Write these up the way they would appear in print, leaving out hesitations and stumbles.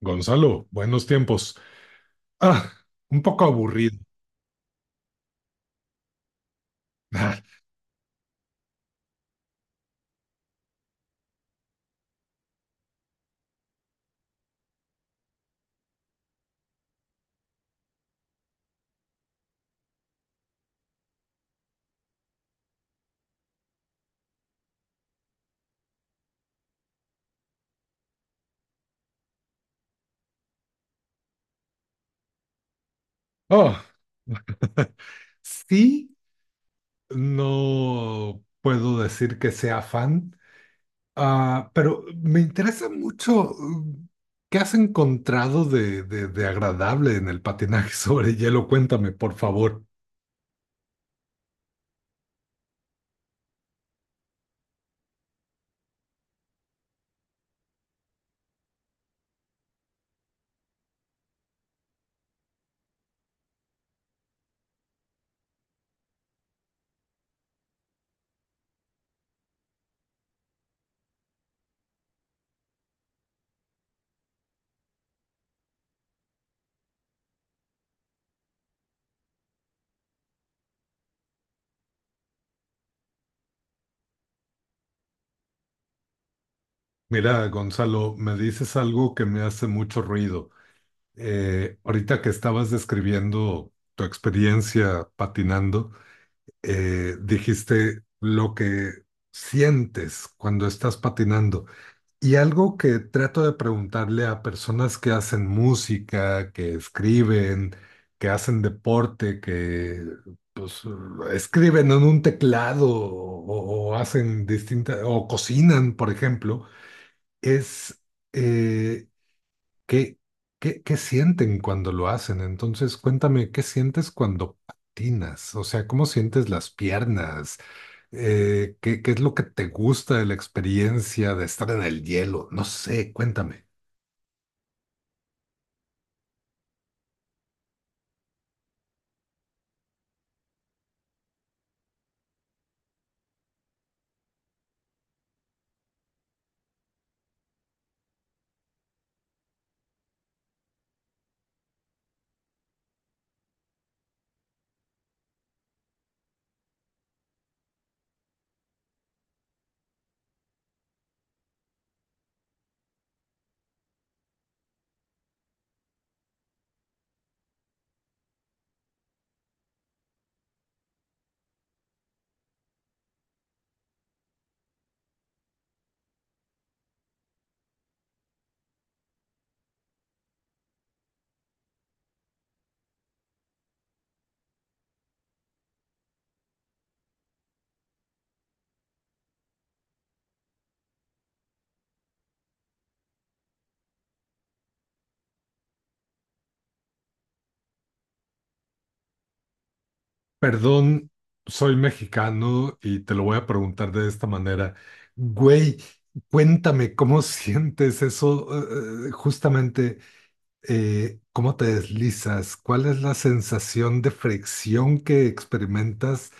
Gonzalo, buenos tiempos. Ah, un poco aburrido. Ah, oh, sí, no puedo decir que sea fan, pero me interesa mucho qué has encontrado de agradable en el patinaje sobre hielo. Cuéntame, por favor. Mira, Gonzalo, me dices algo que me hace mucho ruido. Ahorita que estabas describiendo tu experiencia patinando, dijiste lo que sientes cuando estás patinando. Y algo que trato de preguntarle a personas que hacen música, que escriben, que hacen deporte, que pues, escriben en un teclado o hacen distintas, o cocinan, por ejemplo, es eh, ¿Qué, qué sienten cuando lo hacen? Entonces, cuéntame, ¿qué sientes cuando patinas? O sea, ¿cómo sientes las piernas? ¿Qué es lo que te gusta de la experiencia de estar en el hielo? No sé, cuéntame. Perdón, soy mexicano y te lo voy a preguntar de esta manera. Güey, cuéntame, ¿cómo sientes eso? Justamente ¿cómo te deslizas? ¿Cuál es la sensación de fricción que experimentas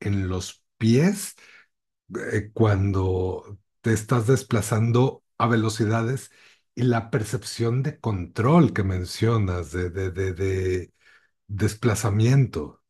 en los pies cuando te estás desplazando a velocidades y la percepción de control que mencionas, de desplazamiento?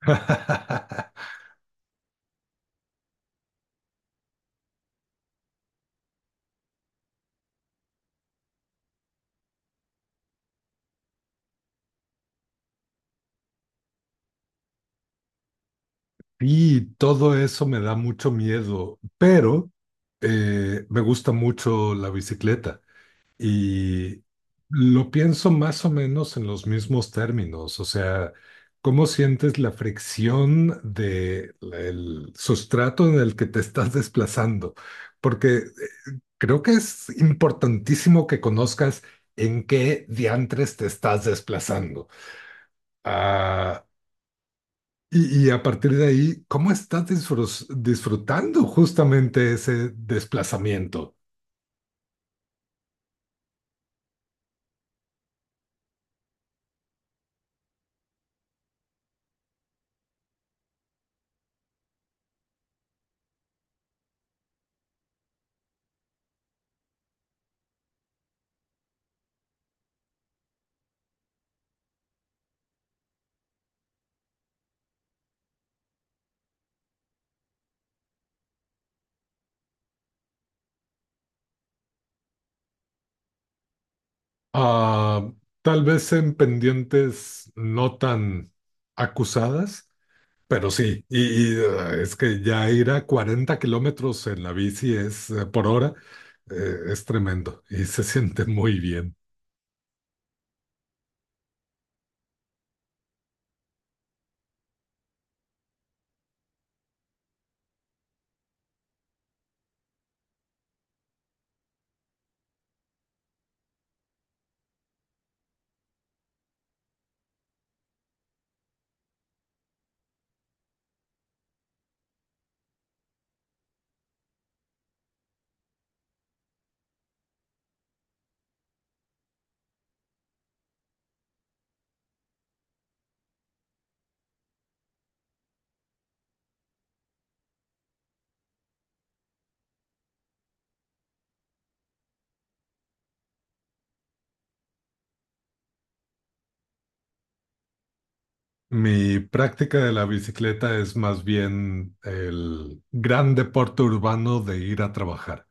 Y todo eso me da mucho miedo, pero me gusta mucho la bicicleta. Y lo pienso más o menos en los mismos términos, o sea, ¿cómo sientes la fricción del sustrato en el que te estás desplazando? Porque creo que es importantísimo que conozcas en qué diantres te estás desplazando. Ah, y, y a partir de ahí, ¿cómo estás disfrutando justamente ese desplazamiento? Ah, Tal vez en pendientes no tan acusadas, pero sí, es que ya ir a 40 kilómetros en la bici es, por hora es tremendo y se siente muy bien. Mi práctica de la bicicleta es más bien el gran deporte urbano de ir a trabajar.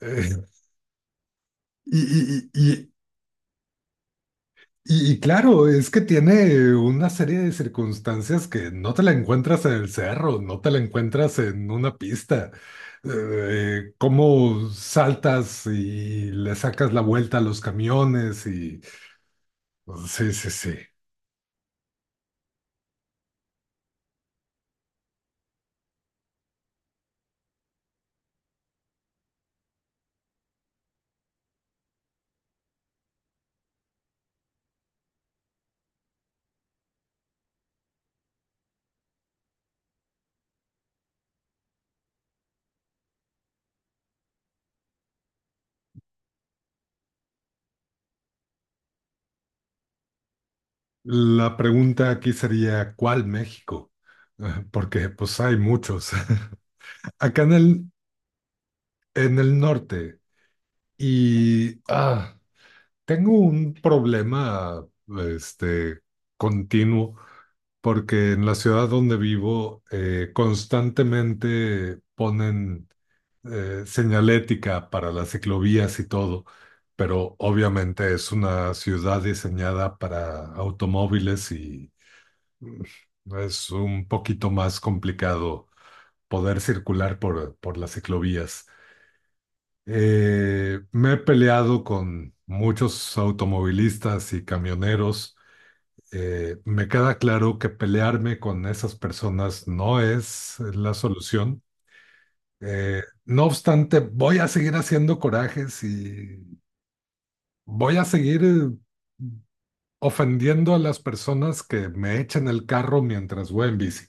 Eh, y, y- y- Y, y claro, es que tiene una serie de circunstancias que no te la encuentras en el cerro, no te la encuentras en una pista. Cómo saltas y le sacas la vuelta a los camiones y... Sí, sí, sí. La pregunta aquí sería, ¿cuál México? Porque pues hay muchos. Acá en el norte y tengo un problema este, continuo porque en la ciudad donde vivo constantemente ponen señalética para las ciclovías y todo, pero obviamente es una ciudad diseñada para automóviles y es un poquito más complicado poder circular por las ciclovías. Me he peleado con muchos automovilistas y camioneros, me queda claro que pelearme con esas personas no es la solución. No obstante, voy a seguir haciendo corajes y voy a seguir ofendiendo a las personas que me echan el carro mientras voy en bici.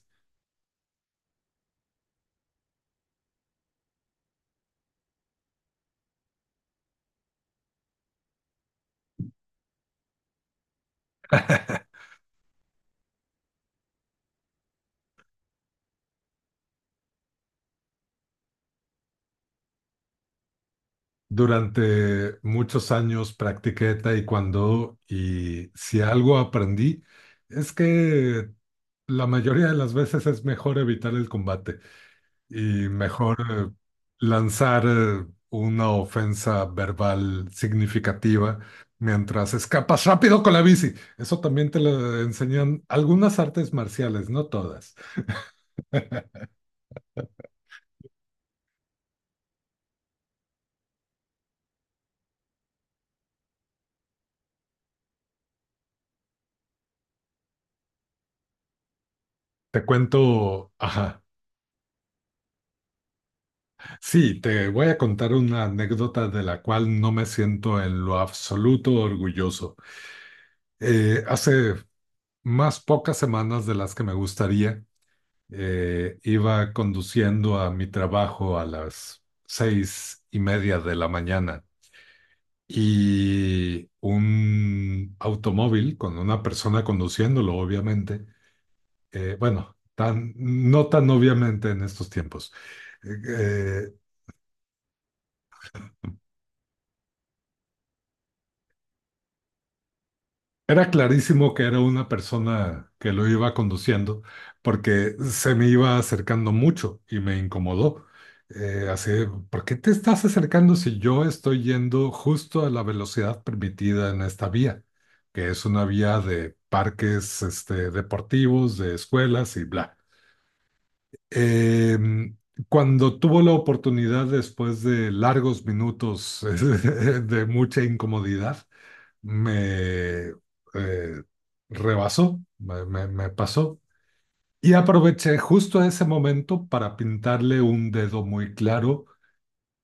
Durante muchos años practiqué taekwondo y si algo aprendí es que la mayoría de las veces es mejor evitar el combate. Y mejor lanzar una ofensa verbal significativa mientras escapas rápido con la bici. Eso también te lo enseñan algunas artes marciales, no todas. Te cuento, ajá, sí, te voy a contar una anécdota de la cual no me siento en lo absoluto orgulloso. Hace más pocas semanas de las que me gustaría. Iba conduciendo a mi trabajo a las 6:30 de la mañana y un automóvil con una persona conduciéndolo, obviamente, bueno, tan, no tan obviamente en estos tiempos. eh, eh, Era clarísimo que era una persona que lo iba conduciendo porque se me iba acercando mucho y me incomodó. Así, ¿por qué te estás acercando si yo estoy yendo justo a la velocidad permitida en esta vía? Que es una vía de parques, este, deportivos, de escuelas y bla. Eh, Cuando tuvo la oportunidad, después de largos minutos de mucha incomodidad, me eh, rebasó, me pasó. Y aproveché justo ese momento para pintarle un dedo muy claro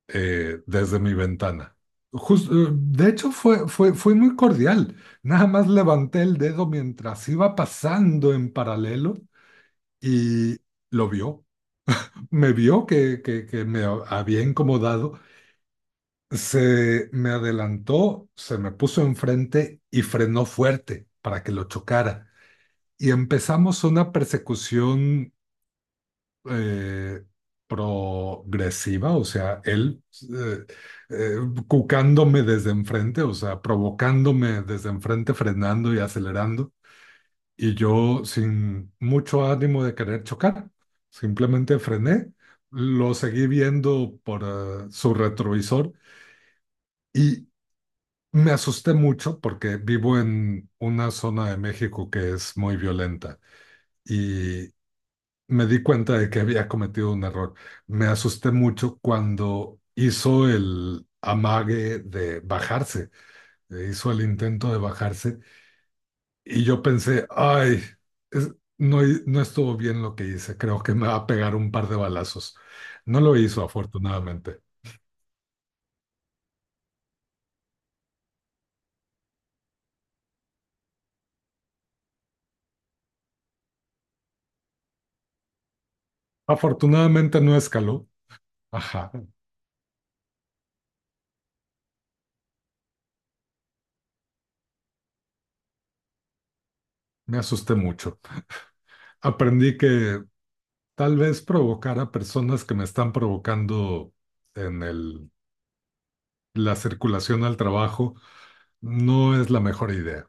desde mi ventana. De hecho, fue muy cordial. Nada más levanté el dedo mientras iba pasando en paralelo y lo vio, me vio que me había incomodado, se me adelantó, se me puso enfrente y frenó fuerte para que lo chocara. Y empezamos una persecución eh, progresiva, o sea, él eh, eh, cucándome desde enfrente, o sea, provocándome desde enfrente, frenando y acelerando, y yo sin mucho ánimo de querer chocar, simplemente frené, lo seguí viendo por su retrovisor y me asusté mucho porque vivo en una zona de México que es muy violenta y me di cuenta de que había cometido un error. Me asusté mucho cuando hizo el amague de bajarse, hizo el intento de bajarse. Y yo pensé, ay, es- no, no estuvo bien lo que hice, creo que me va a pegar un par de balazos. No lo hizo, afortunadamente. Afortunadamente no escaló. Ajá, me asusté mucho. Aprendí que tal vez provocar a personas que me están provocando en la circulación al trabajo no es la mejor idea.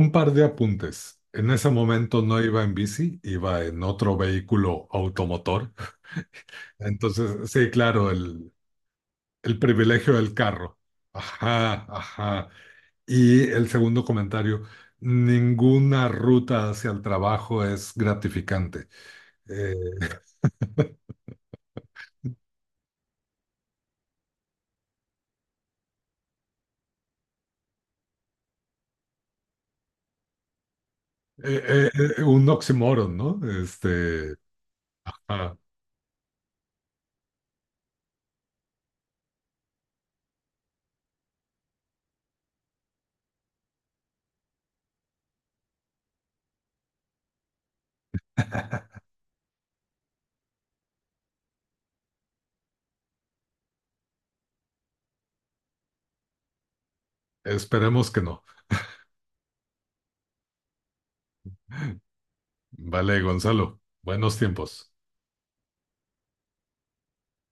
Un par de apuntes. En ese momento no iba en bici, iba en otro vehículo automotor. Entonces, sí, claro, el privilegio del carro. Ajá, ajá. Y el segundo comentario, ninguna ruta hacia el trabajo es gratificante. Eh, eh, eh, un oxímoron, ¿no? Este, ajá. Esperemos que no. Vale, Gonzalo, buenos tiempos.